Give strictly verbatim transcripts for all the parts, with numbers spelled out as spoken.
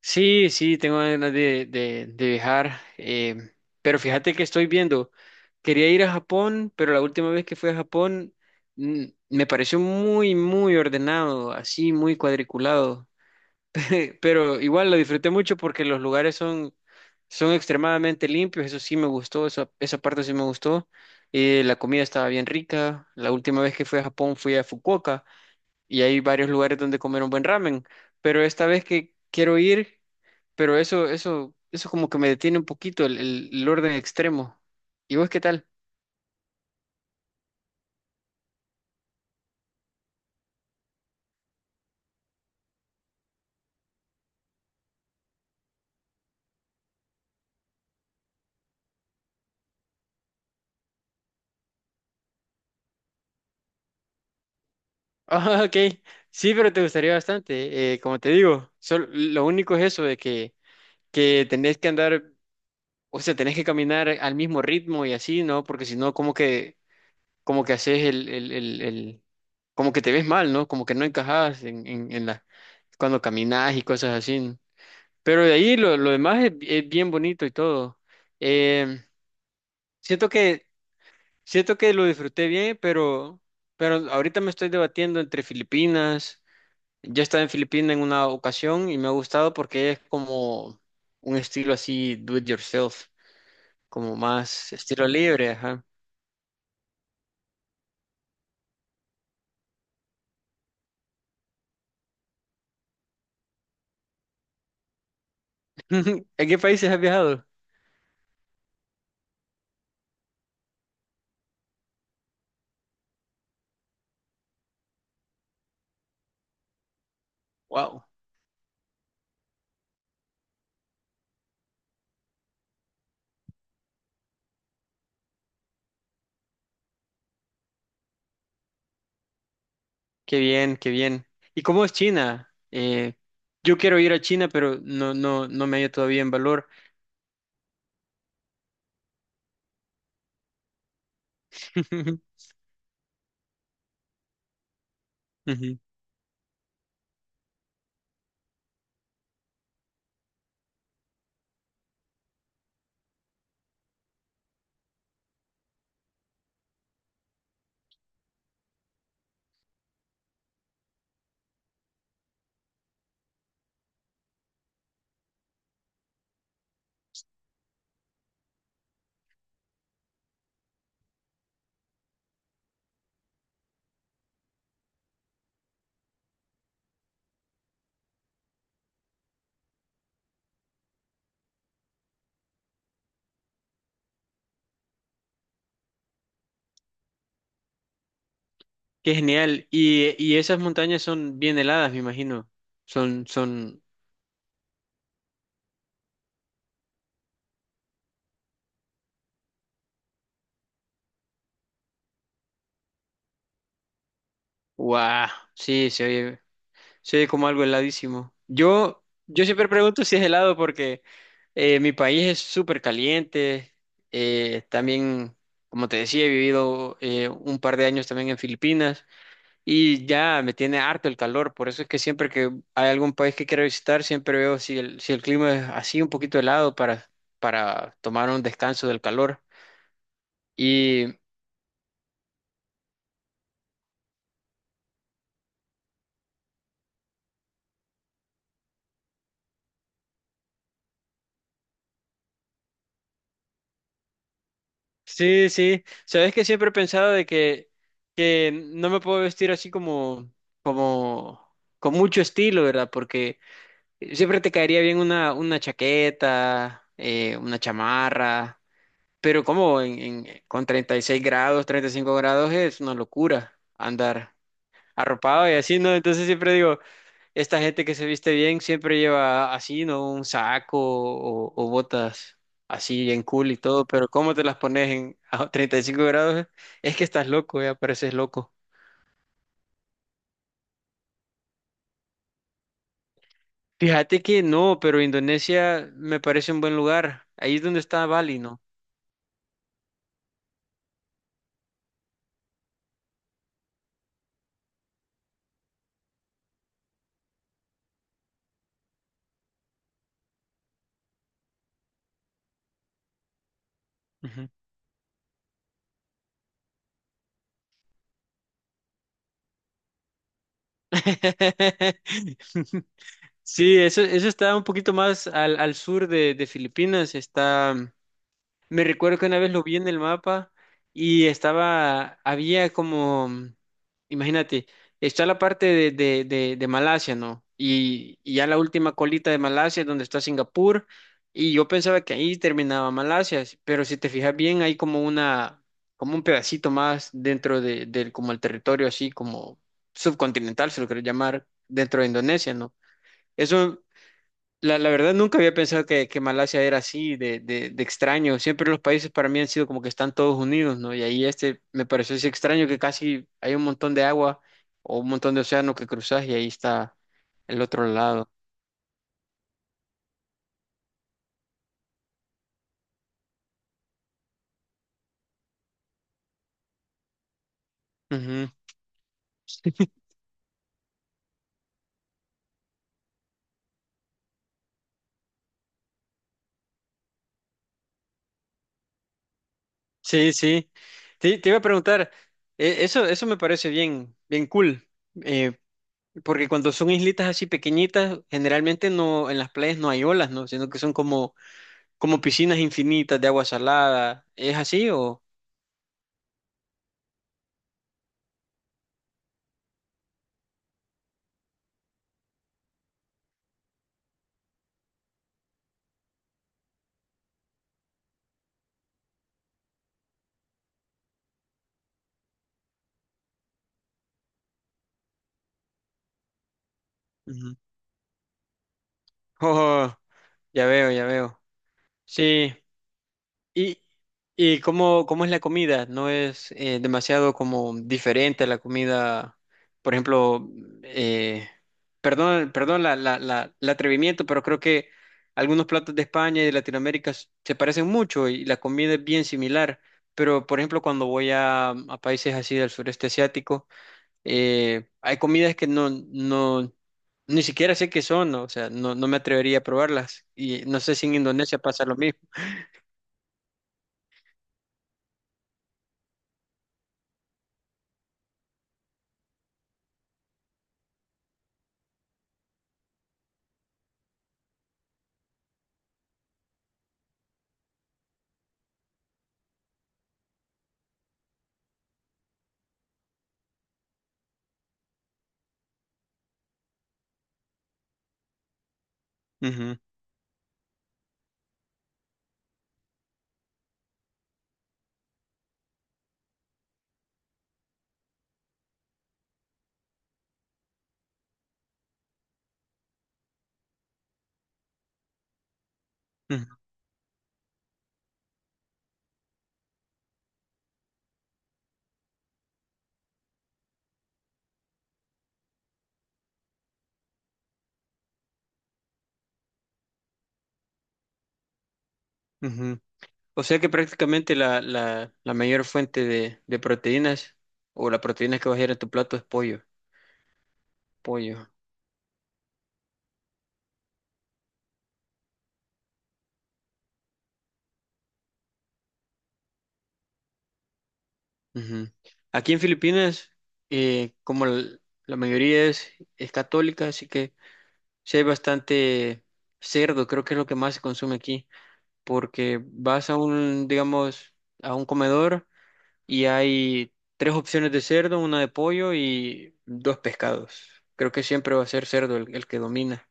Sí, sí, tengo ganas de, de- de viajar, em, pero fíjate que estoy viendo, quería ir a Japón, pero la última vez que fui a Japón mm, me pareció muy, muy ordenado, así, muy cuadriculado, pero igual lo disfruté mucho porque los lugares son, son extremadamente limpios, eso sí me gustó, esa, esa parte sí me gustó, eh, la comida estaba bien rica, la última vez que fui a Japón fui a Fukuoka y hay varios lugares donde comer un buen ramen, pero esta vez que quiero ir, pero eso, eso, eso como que me detiene un poquito el, el- el orden extremo. ¿Y vos qué tal? Ah, ok, sí, pero te gustaría bastante, eh, como te digo, sol- lo único es eso de que, que tenés que andar, o sea, tenés que caminar al mismo ritmo y así, ¿no? Porque si no, como que, como que haces el, el, el, el- como que te ves mal, ¿no? Como que no encajas en, en, en la, cuando caminas y cosas así. ¿No? Pero de ahí lo, lo demás es, es bien bonito y todo. Em, siento que, siento que lo disfruté bien, pero, pero ahorita me estoy debatiendo entre Filipinas. Yo he estado en Filipinas en una ocasión y me ha gustado porque es como un estilo así, do it yourself, como más estilo libre, ajá. ¿En qué países has viajado? Wow, qué bien, qué bien. ¿Y cómo es China? Eh, yo quiero ir a China, pero no, no, no me hallo todavía en valor. Ujú. Qué genial. Y, y esas montañas son bien heladas, me imagino. Son, son, guau. Sí, se oye, se oye como algo heladísimo. Yo, yo siempre pregunto si es helado porque eh, mi país es súper caliente. Eh, también, como te decía, he vivido eh, un par de años también en Filipinas y ya me tiene harto el calor. Por eso es que siempre que hay algún país que quiero visitar, siempre veo si el, si el clima es así un poquito helado para, para tomar un descanso del calor. Y sí, sí. Sabes que siempre he pensado de que, que no me puedo vestir así como, como, con mucho estilo, ¿verdad? Porque siempre te caería bien una, una chaqueta, eh, una chamarra, pero como en, en- eh, con treinta y seis grados, treinta y cinco grados es una locura andar arropado y así, ¿no? Entonces siempre digo, esta gente que se viste bien siempre lleva así, ¿no? Un saco o, o botas así bien cool y todo, pero ¿cómo te las pones en a treinta y cinco grados? Es que estás loco, ya pareces loco. Fíjate que no, pero Indonesia me parece un buen lugar. Ahí es donde está Bali, ¿no? Ujú. Sí, eso, eso está un poquito más al, al sur de, de Filipinas, está. Me recuerdo que una vez lo vi en el mapa y estaba, había como, imagínate, está la parte de, de, de, de Malasia, ¿no? Y, y ya la última colita de Malasia es donde está Singapur y yo pensaba que ahí terminaba Malasia, pero si te fijas bien hay como una, como un pedacito más dentro de, del, como el territorio así como subcontinental, se lo quiero llamar, dentro de Indonesia, ¿no? Eso la, la verdad, nunca había pensado que, que Malasia era así, de, de, de extraño. Siempre los países para mí han sido como que están todos unidos, ¿no? Y ahí este me pareció así extraño que casi hay un montón de agua o un montón de océano que cruzas y ahí está el otro lado. Ujú. Sí, sí. Te, te iba a preguntar, eh, eso, eso me parece bien, bien cool, eh, porque cuando son islitas así pequeñitas, generalmente no, en las playas no hay olas, ¿no? Sino que son como, como piscinas infinitas de agua salada. ¿Es así o...? Oh, ya veo, ya veo. Sí. ¿Y, y cómo, cómo es la comida? ¿No es eh, demasiado como diferente a la comida, por ejemplo, eh, perdón, perdón la, la, la, el atrevimiento, pero creo que algunos platos de España y de Latinoamérica s- se parecen mucho y la comida es bien similar. Pero, por ejemplo, cuando voy a, a países así del sureste asiático, eh, hay comidas que no, no, ni siquiera sé qué son, ¿no? O sea, no, no me atrevería a probarlas. Y no sé si en Indonesia pasa lo mismo. Ujú, ujú, ujú. O sea que prácticamente la, la, la mayor fuente de, de proteínas o la proteína que va a ir en tu plato es pollo. Pollo. Ujú. Aquí en Filipinas, eh, como l- la mayoría es, es católica, así que sí hay bastante cerdo, creo que es lo que más se consume aquí. Porque vas a un, digamos, a un comedor y hay tres opciones de cerdo, una de pollo y dos pescados. Creo que siempre va a ser cerdo el, el que domina.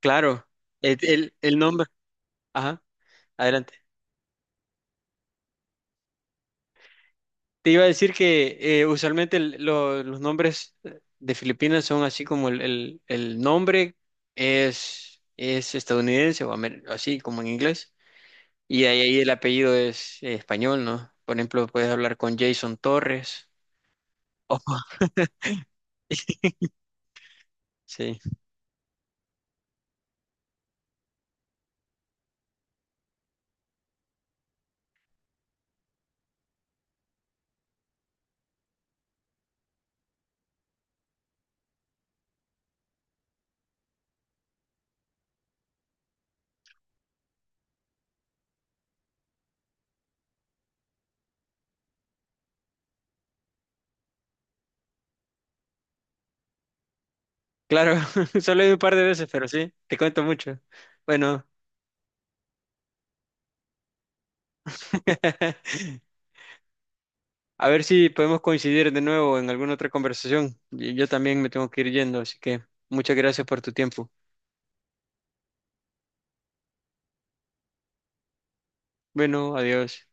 Claro, el, el- el nombre. Ajá, adelante. Te iba a decir que eh, usualmente el- lo- los nombres de Filipinas son así como el, el- el nombre es, es estadounidense o amer- así como en inglés. Y ahí, ahí el apellido es eh, español, ¿no? Por ejemplo, puedes hablar con Jason Torres. Oh, sí, claro, solo he ido un par de veces, pero sí, te cuento mucho. Bueno, a ver si podemos coincidir de nuevo en alguna otra conversación. Y yo también me tengo que ir yendo, así que muchas gracias por tu tiempo. Bueno, adiós.